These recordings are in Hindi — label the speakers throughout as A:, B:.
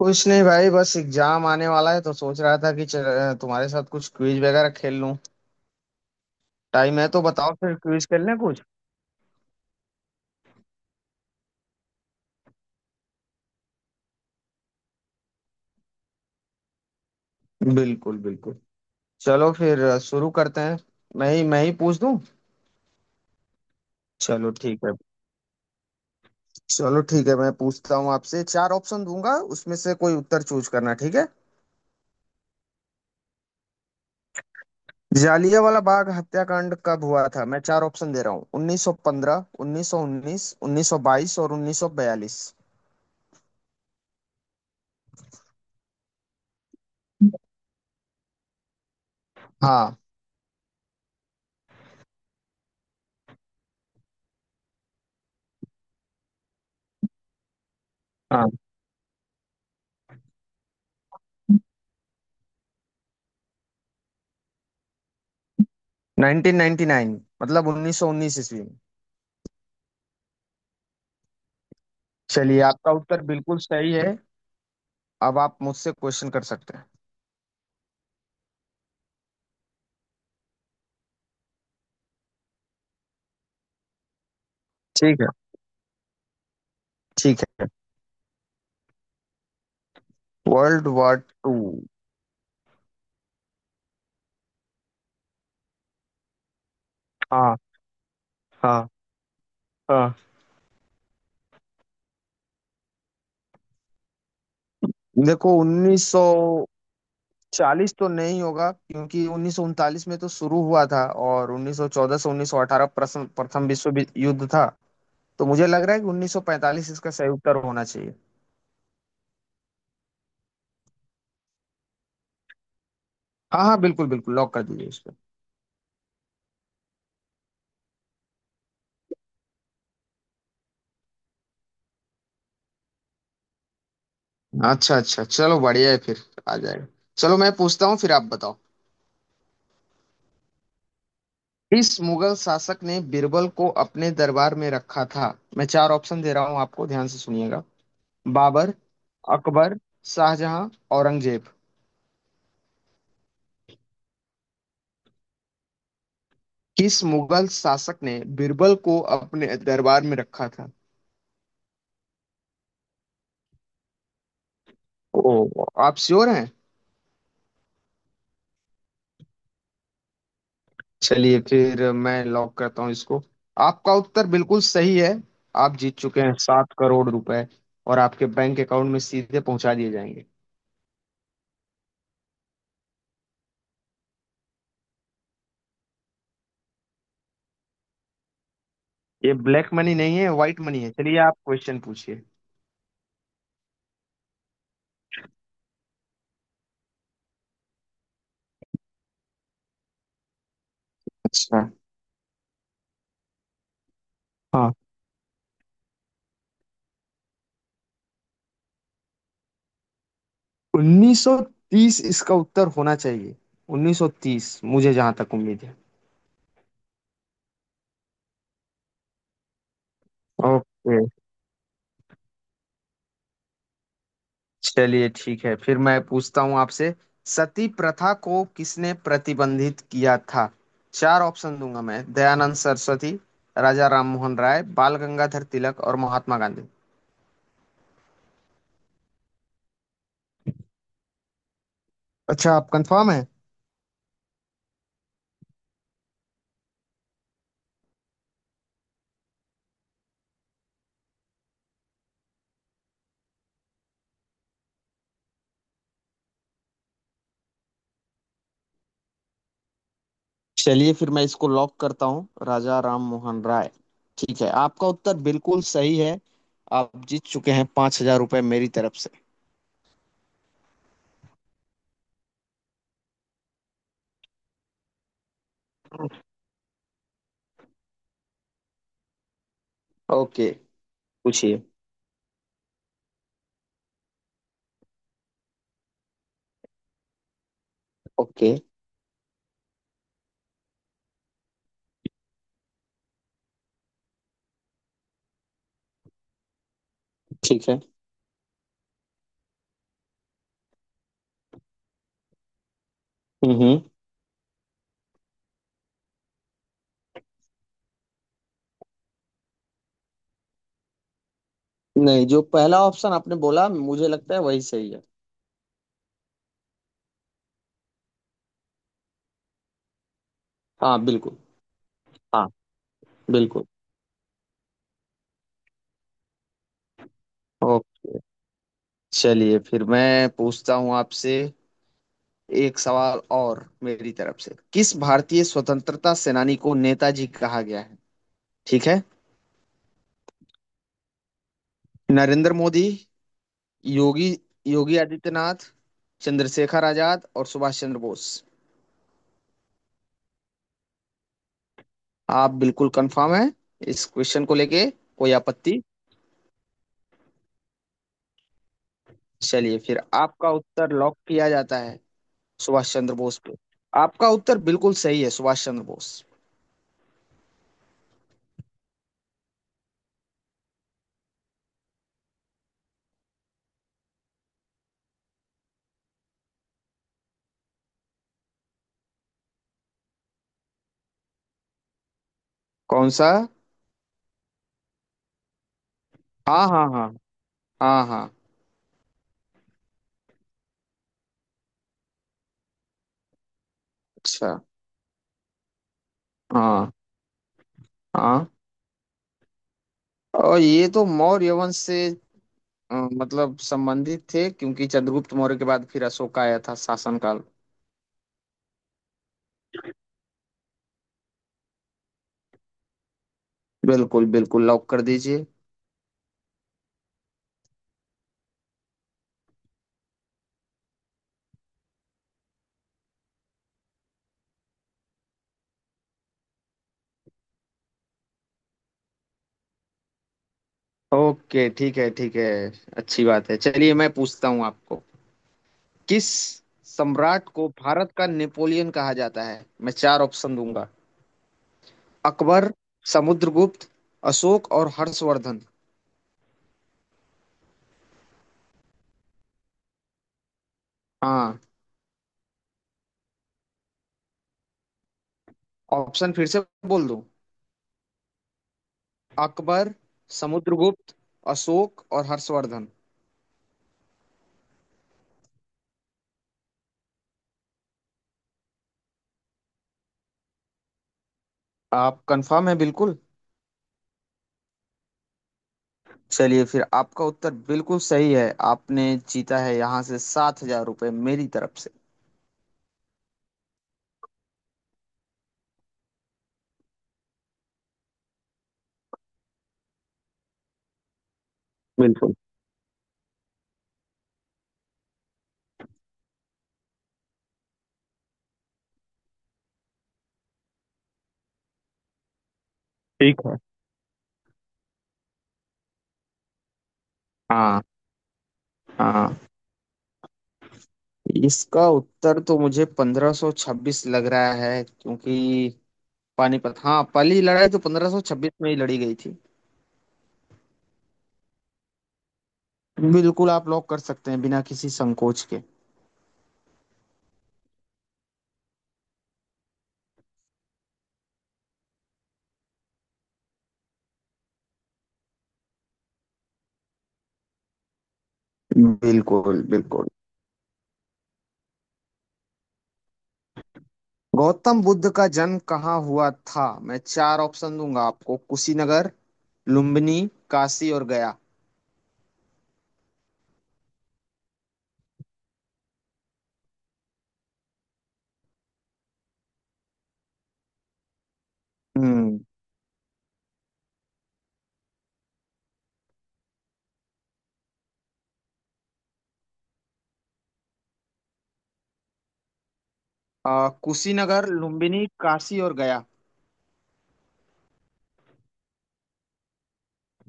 A: कुछ नहीं भाई, बस एग्जाम आने वाला है तो सोच रहा था कि चल, तुम्हारे साथ कुछ क्विज वगैरह खेल लूं। टाइम है तो बताओ, फिर क्विज खेल लें कुछ। बिल्कुल बिल्कुल। चलो फिर शुरू करते हैं। मैं ही पूछ दूं। चलो ठीक है। चलो ठीक है, मैं पूछता हूँ आपसे। चार ऑप्शन दूंगा, उसमें से कोई उत्तर चूज करना, ठीक है। जालियांवाला बाग हत्याकांड कब हुआ था? मैं चार ऑप्शन दे रहा हूँ: 1915, 1919, 1922 और 1942। हाँ। हाँ, 1999, मतलब 1919 ईस्वी। चलिए, आपका उत्तर बिल्कुल सही है। अब आप मुझसे क्वेश्चन कर सकते हैं। ठीक है। ठीक है। World war two. हाँ। हाँ। हाँ, देखो 1940 तो नहीं होगा, क्योंकि 1939 में तो शुरू हुआ था, और 1914 से 1918 प्रथम प्रथम विश्व युद्ध था। तो मुझे लग रहा है कि 1945 इसका सही उत्तर होना चाहिए। हाँ हाँ, बिल्कुल बिल्कुल, लॉक कर दीजिए इसको। अच्छा अच्छा, चलो बढ़िया है फिर, आ जाएगा। चलो मैं पूछता हूँ, फिर आप बताओ। इस मुगल शासक ने बिरबल को अपने दरबार में रखा था। मैं चार ऑप्शन दे रहा हूं, आपको ध्यान से सुनिएगा। बाबर, अकबर, शाहजहां, औरंगजेब। किस मुगल शासक ने बिरबल को अपने दरबार में रखा था? ओ, आप श्योर हैं? चलिए फिर मैं लॉक करता हूँ इसको। आपका उत्तर बिल्कुल सही है। आप जीत चुके हैं 7 करोड़ रुपए, और आपके बैंक अकाउंट में सीधे पहुंचा दिए जाएंगे। ये ब्लैक मनी नहीं है, व्हाइट मनी है। चलिए आप क्वेश्चन पूछिए। अच्छा। हाँ, 1930 इसका उत्तर होना चाहिए। 1930, मुझे जहां तक उम्मीद है। ओके। चलिए ठीक है, फिर मैं पूछता हूं आपसे। सती प्रथा को किसने प्रतिबंधित किया था? चार ऑप्शन दूंगा मैं: दयानंद सरस्वती, राजा राममोहन राय, बाल गंगाधर तिलक और महात्मा गांधी। अच्छा, आप कंफर्म है? चलिए फिर मैं इसको लॉक करता हूँ, राजा राम मोहन राय। ठीक है, आपका उत्तर बिल्कुल सही है। आप जीत चुके हैं 5 हजार रुपये मेरी तरफ से। ओके, पूछिए। ओके, ठीक है। हम्म, नहीं, जो पहला ऑप्शन आपने बोला मुझे लगता है वही सही है। हाँ बिल्कुल। हाँ बिल्कुल। ओके, चलिए फिर मैं पूछता हूँ आपसे। एक सवाल और मेरी तरफ से, किस भारतीय स्वतंत्रता सेनानी को नेताजी कहा गया है? ठीक है। नरेंद्र मोदी, योगी, योगी आदित्यनाथ, चंद्रशेखर आजाद और सुभाष चंद्र बोस। आप बिल्कुल कंफर्म हैं? इस क्वेश्चन को लेके कोई आपत्ति? चलिए फिर आपका उत्तर लॉक किया जाता है, सुभाष चंद्र बोस पे। आपका उत्तर बिल्कुल सही है, सुभाष चंद्र बोस। कौन सा? हाँ हाँ हाँ। हाँ हाँ। अच्छा। हाँ हाँ, और ये तो मौर्य वंश से मतलब संबंधित थे, क्योंकि चंद्रगुप्त मौर्य के बाद फिर अशोक आया था शासन काल। बिल्कुल बिल्कुल, लॉक कर दीजिए। ओके ठीक है ठीक है, अच्छी बात है। चलिए मैं पूछता हूँ आपको। किस सम्राट को भारत का नेपोलियन कहा जाता है? मैं चार ऑप्शन दूंगा: अकबर, समुद्रगुप्त, अशोक और हर्षवर्धन। हाँ, ऑप्शन फिर से बोल दूं? अकबर, समुद्रगुप्त, अशोक और हर्षवर्धन। आप कंफर्म है बिल्कुल? चलिए फिर, आपका उत्तर बिल्कुल सही है। आपने जीता है यहाँ से 7 हजार रुपये मेरी तरफ से। बिल्कुल। ठीक है। हाँ। हाँ, इसका उत्तर तो मुझे 1526 लग रहा है, क्योंकि पानीपत, हाँ, पहली लड़ाई तो 1526 में ही लड़ी गई थी। बिल्कुल, आप लॉक कर सकते हैं बिना किसी संकोच के। बिल्कुल बिल्कुल। गौतम बुद्ध का जन्म कहाँ हुआ था? मैं चार ऑप्शन दूंगा आपको: कुशीनगर, लुम्बिनी, काशी और गया। हम्म। कुशीनगर, लुम्बिनी, काशी और गया।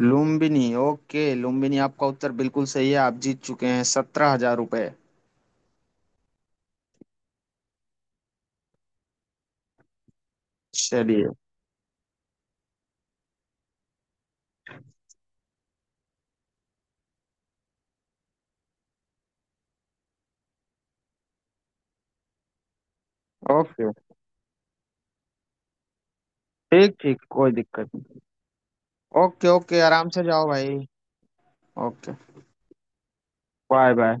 A: लुम्बिनी? ओके, लुम्बिनी, आपका उत्तर बिल्कुल सही है। आप जीत चुके हैं 17 हजार रुपये। चलिए। ओके, ठीक ठीक, कोई दिक्कत नहीं। ओके ओके, आराम से जाओ भाई। Okay, bye bye.